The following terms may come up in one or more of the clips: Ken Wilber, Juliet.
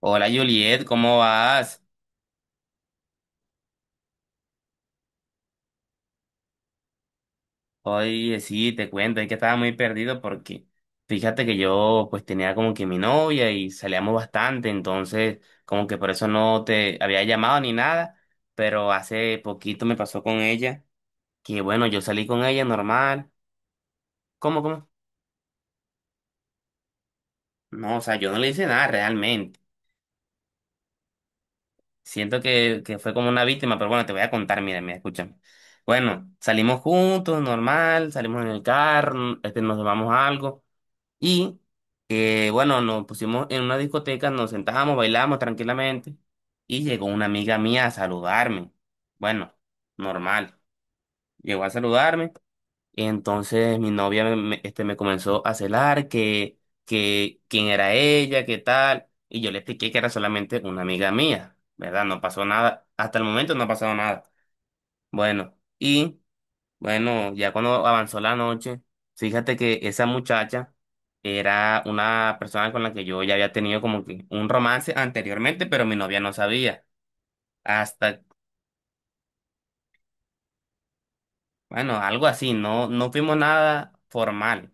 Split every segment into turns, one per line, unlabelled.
Hola, Juliet, ¿cómo vas? Oye, sí, te cuento, es que estaba muy perdido porque fíjate que yo pues tenía como que mi novia y salíamos bastante, entonces como que por eso no te había llamado ni nada, pero hace poquito me pasó con ella, que bueno, yo salí con ella normal. ¿Cómo, cómo? No, o sea, yo no le hice nada realmente, siento que fue como una víctima, pero bueno, te voy a contar, mira, mira, escúchame. Bueno, salimos juntos, normal, salimos en el carro, este, nos tomamos algo. Y bueno, nos pusimos en una discoteca, nos sentábamos, bailábamos tranquilamente y llegó una amiga mía a saludarme. Bueno, normal. Llegó a saludarme y entonces mi novia me comenzó a celar que quién era ella, qué tal. Y yo le expliqué que era solamente una amiga mía, ¿verdad? No pasó nada. Hasta el momento no ha pasado nada. Bueno, y... Bueno, ya cuando avanzó la noche, fíjate que esa muchacha era una persona con la que yo ya había tenido como que un romance anteriormente, pero mi novia no sabía. Hasta, bueno, algo así, no, no fuimos nada formal.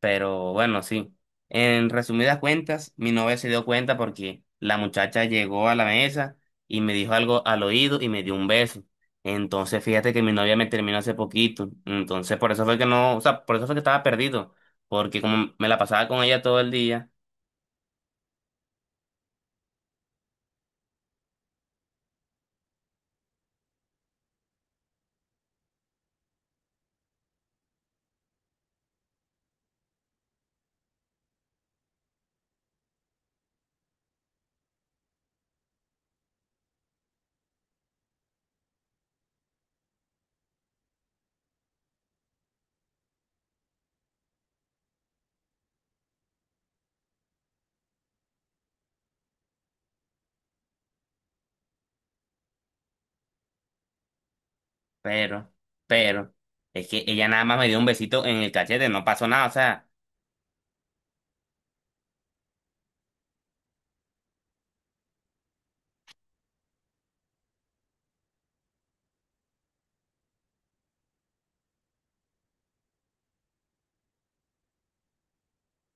Pero bueno, sí. En resumidas cuentas, mi novia se dio cuenta porque la muchacha llegó a la mesa y me dijo algo al oído y me dio un beso. Entonces, fíjate que mi novia me terminó hace poquito. Entonces, por eso fue que no, o sea, por eso fue que estaba perdido. Porque como me la pasaba con ella todo el día, pero, pero, es que ella nada más me dio un besito en el cachete, no pasó nada, o sea.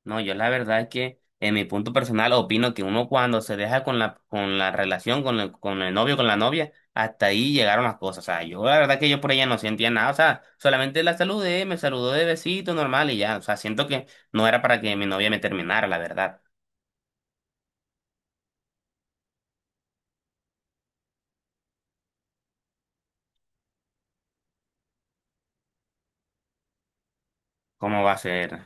No, yo la verdad es que en mi punto personal opino que uno cuando se deja con la relación, con el novio, con la novia, hasta ahí llegaron las cosas. O sea, yo la verdad que yo por ella no sentía nada. O sea, solamente la saludé, me saludó de besito normal y ya. O sea, siento que no era para que mi novia me terminara, la verdad. ¿Cómo va a ser?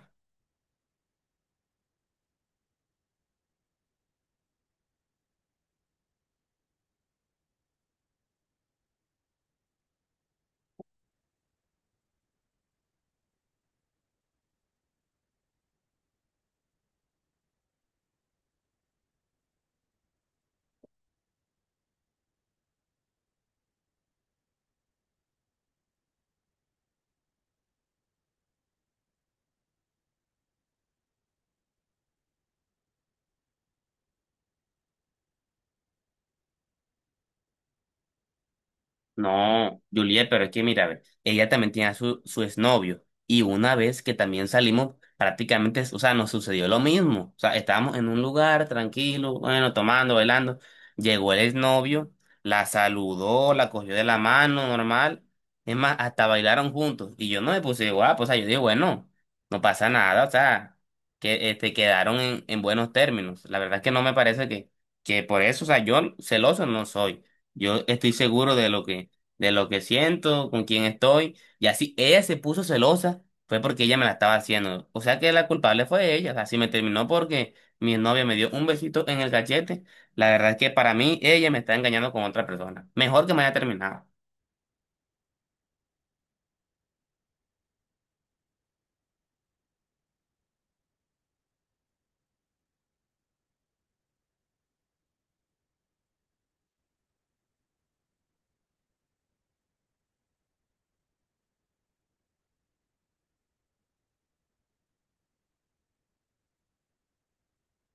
No, Juliet, pero es que mira, ve, ella también tenía su exnovio y una vez que también salimos, prácticamente, o sea, nos sucedió lo mismo. O sea, estábamos en un lugar tranquilo, bueno, tomando, bailando. Llegó el exnovio, la saludó, la cogió de la mano, normal. Es más, hasta bailaron juntos. Y yo no me puse guapo, o sea, yo dije, bueno, no pasa nada, o sea, que este, quedaron en buenos términos. La verdad es que no me parece que por eso, o sea, yo celoso no soy. Yo estoy seguro de lo que siento, con quién estoy. Y así ella se puso celosa, fue porque ella me la estaba haciendo. O sea que la culpable fue ella. Así me terminó porque mi novia me dio un besito en el cachete. La verdad es que para mí ella me está engañando con otra persona. Mejor que me haya terminado.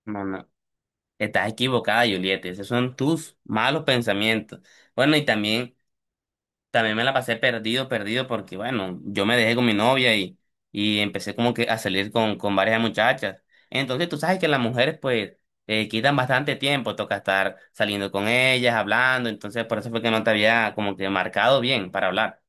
No, no. Estás equivocada, Julieta. Esos son tus malos pensamientos. Bueno, y también. También me la pasé perdido, perdido, porque bueno, yo me dejé con mi novia y empecé como que a salir con varias muchachas. Entonces tú sabes que las mujeres pues quitan bastante tiempo, toca estar saliendo con ellas, hablando, entonces por eso fue que no te había como que marcado bien para hablar.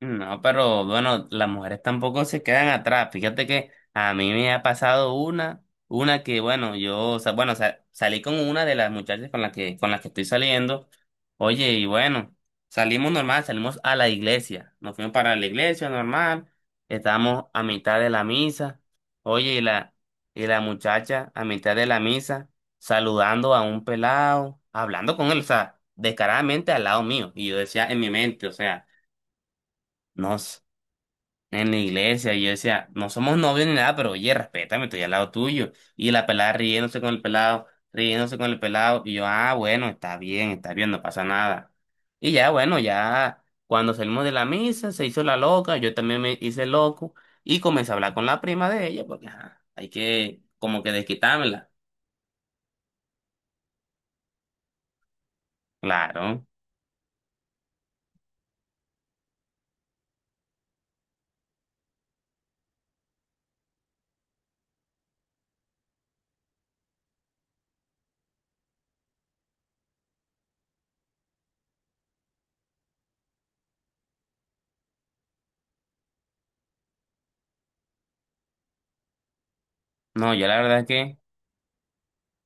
No, pero bueno, las mujeres tampoco se quedan atrás. Fíjate que a mí me ha pasado una que bueno, yo, o sea, bueno, salí con una de las muchachas con las que estoy saliendo. Oye, y bueno, salimos normal, salimos a la iglesia. Nos fuimos para la iglesia normal, estábamos a mitad de la misa. Oye, y la muchacha a mitad de la misa, saludando a un pelado, hablando con él, o sea, descaradamente al lado mío. Y yo decía en mi mente, o sea, no en la iglesia y yo decía, no somos novios ni nada, pero oye, respétame, estoy al lado tuyo. Y la pelada riéndose con el pelado, riéndose con el pelado. Y yo, ah, bueno, está bien, no pasa nada. Y ya, bueno, ya cuando salimos de la misa, se hizo la loca, yo también me hice loco y comencé a hablar con la prima de ella, porque ajá, hay que como que desquitármela. Claro. No, yo la verdad es que...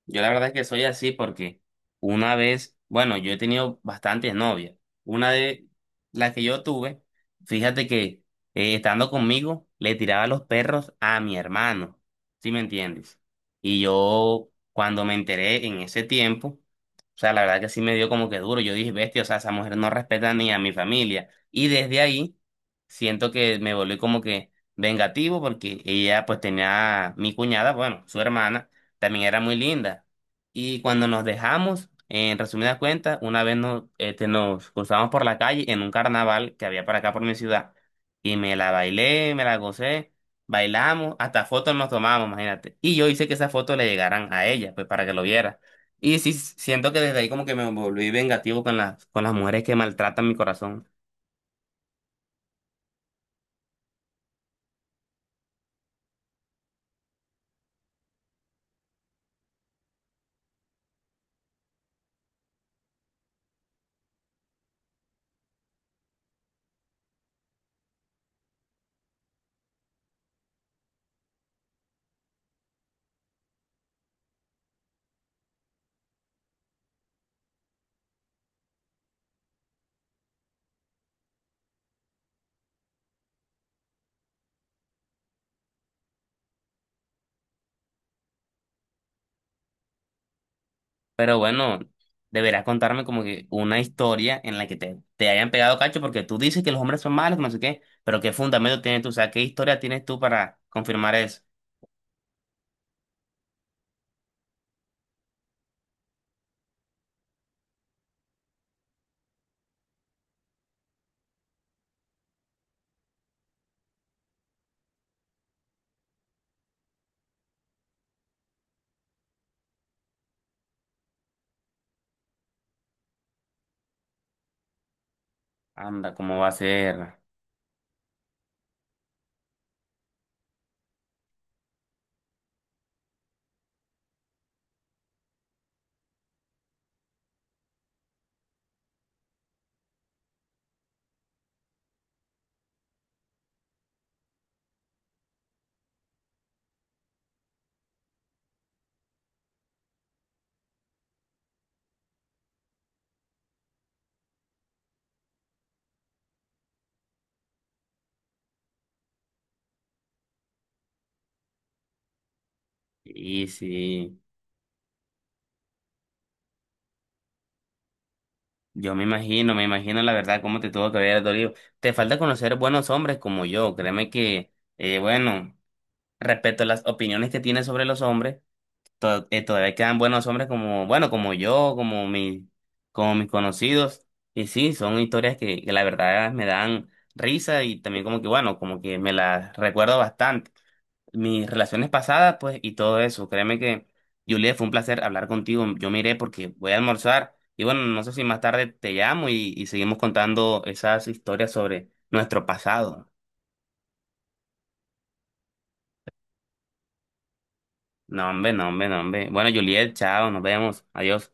Yo la verdad es que soy así porque una vez, bueno, yo he tenido bastantes novias. Una de las que yo tuve, fíjate que estando conmigo le tiraba los perros a mi hermano, ¿sí me entiendes? Y yo cuando me enteré en ese tiempo, o sea, la verdad que sí me dio como que duro. Yo dije, bestia, o sea, esa mujer no respeta ni a mi familia. Y desde ahí siento que me volví como que vengativo porque ella pues tenía mi cuñada, bueno, su hermana también era muy linda. Y cuando nos dejamos, en resumidas cuentas, una vez nos, este, nos cruzamos por la calle en un carnaval que había para acá por mi ciudad. Y me la bailé, me la gocé, bailamos, hasta fotos nos tomamos, imagínate. Y yo hice que esas fotos le llegaran a ella, pues para que lo viera. Y sí, siento que desde ahí como que me volví vengativo con las mujeres que maltratan mi corazón. Pero bueno, deberás contarme como que una historia en la que te hayan pegado cacho, porque tú dices que los hombres son malos, no sé qué, pero ¿qué fundamento tienes tú? O sea, ¿qué historia tienes tú para confirmar eso? Anda, ¿cómo va a ser? Y sí, yo me imagino la verdad cómo te tuvo que haber dolido. Te falta conocer buenos hombres como yo, créeme que, bueno, respecto a las opiniones que tienes sobre los hombres, todavía quedan buenos hombres como, bueno, como yo, como mi, como mis conocidos. Y sí, son historias que la verdad me dan risa y también como que, bueno, como que me las recuerdo bastante. Mis relaciones pasadas, pues, y todo eso. Créeme que, Juliet, fue un placer hablar contigo. Yo me iré porque voy a almorzar. Y bueno, no sé si más tarde te llamo y seguimos contando esas historias sobre nuestro pasado. No, hombre, no, hombre, no, hombre. Bueno, Juliet, chao, nos vemos. Adiós.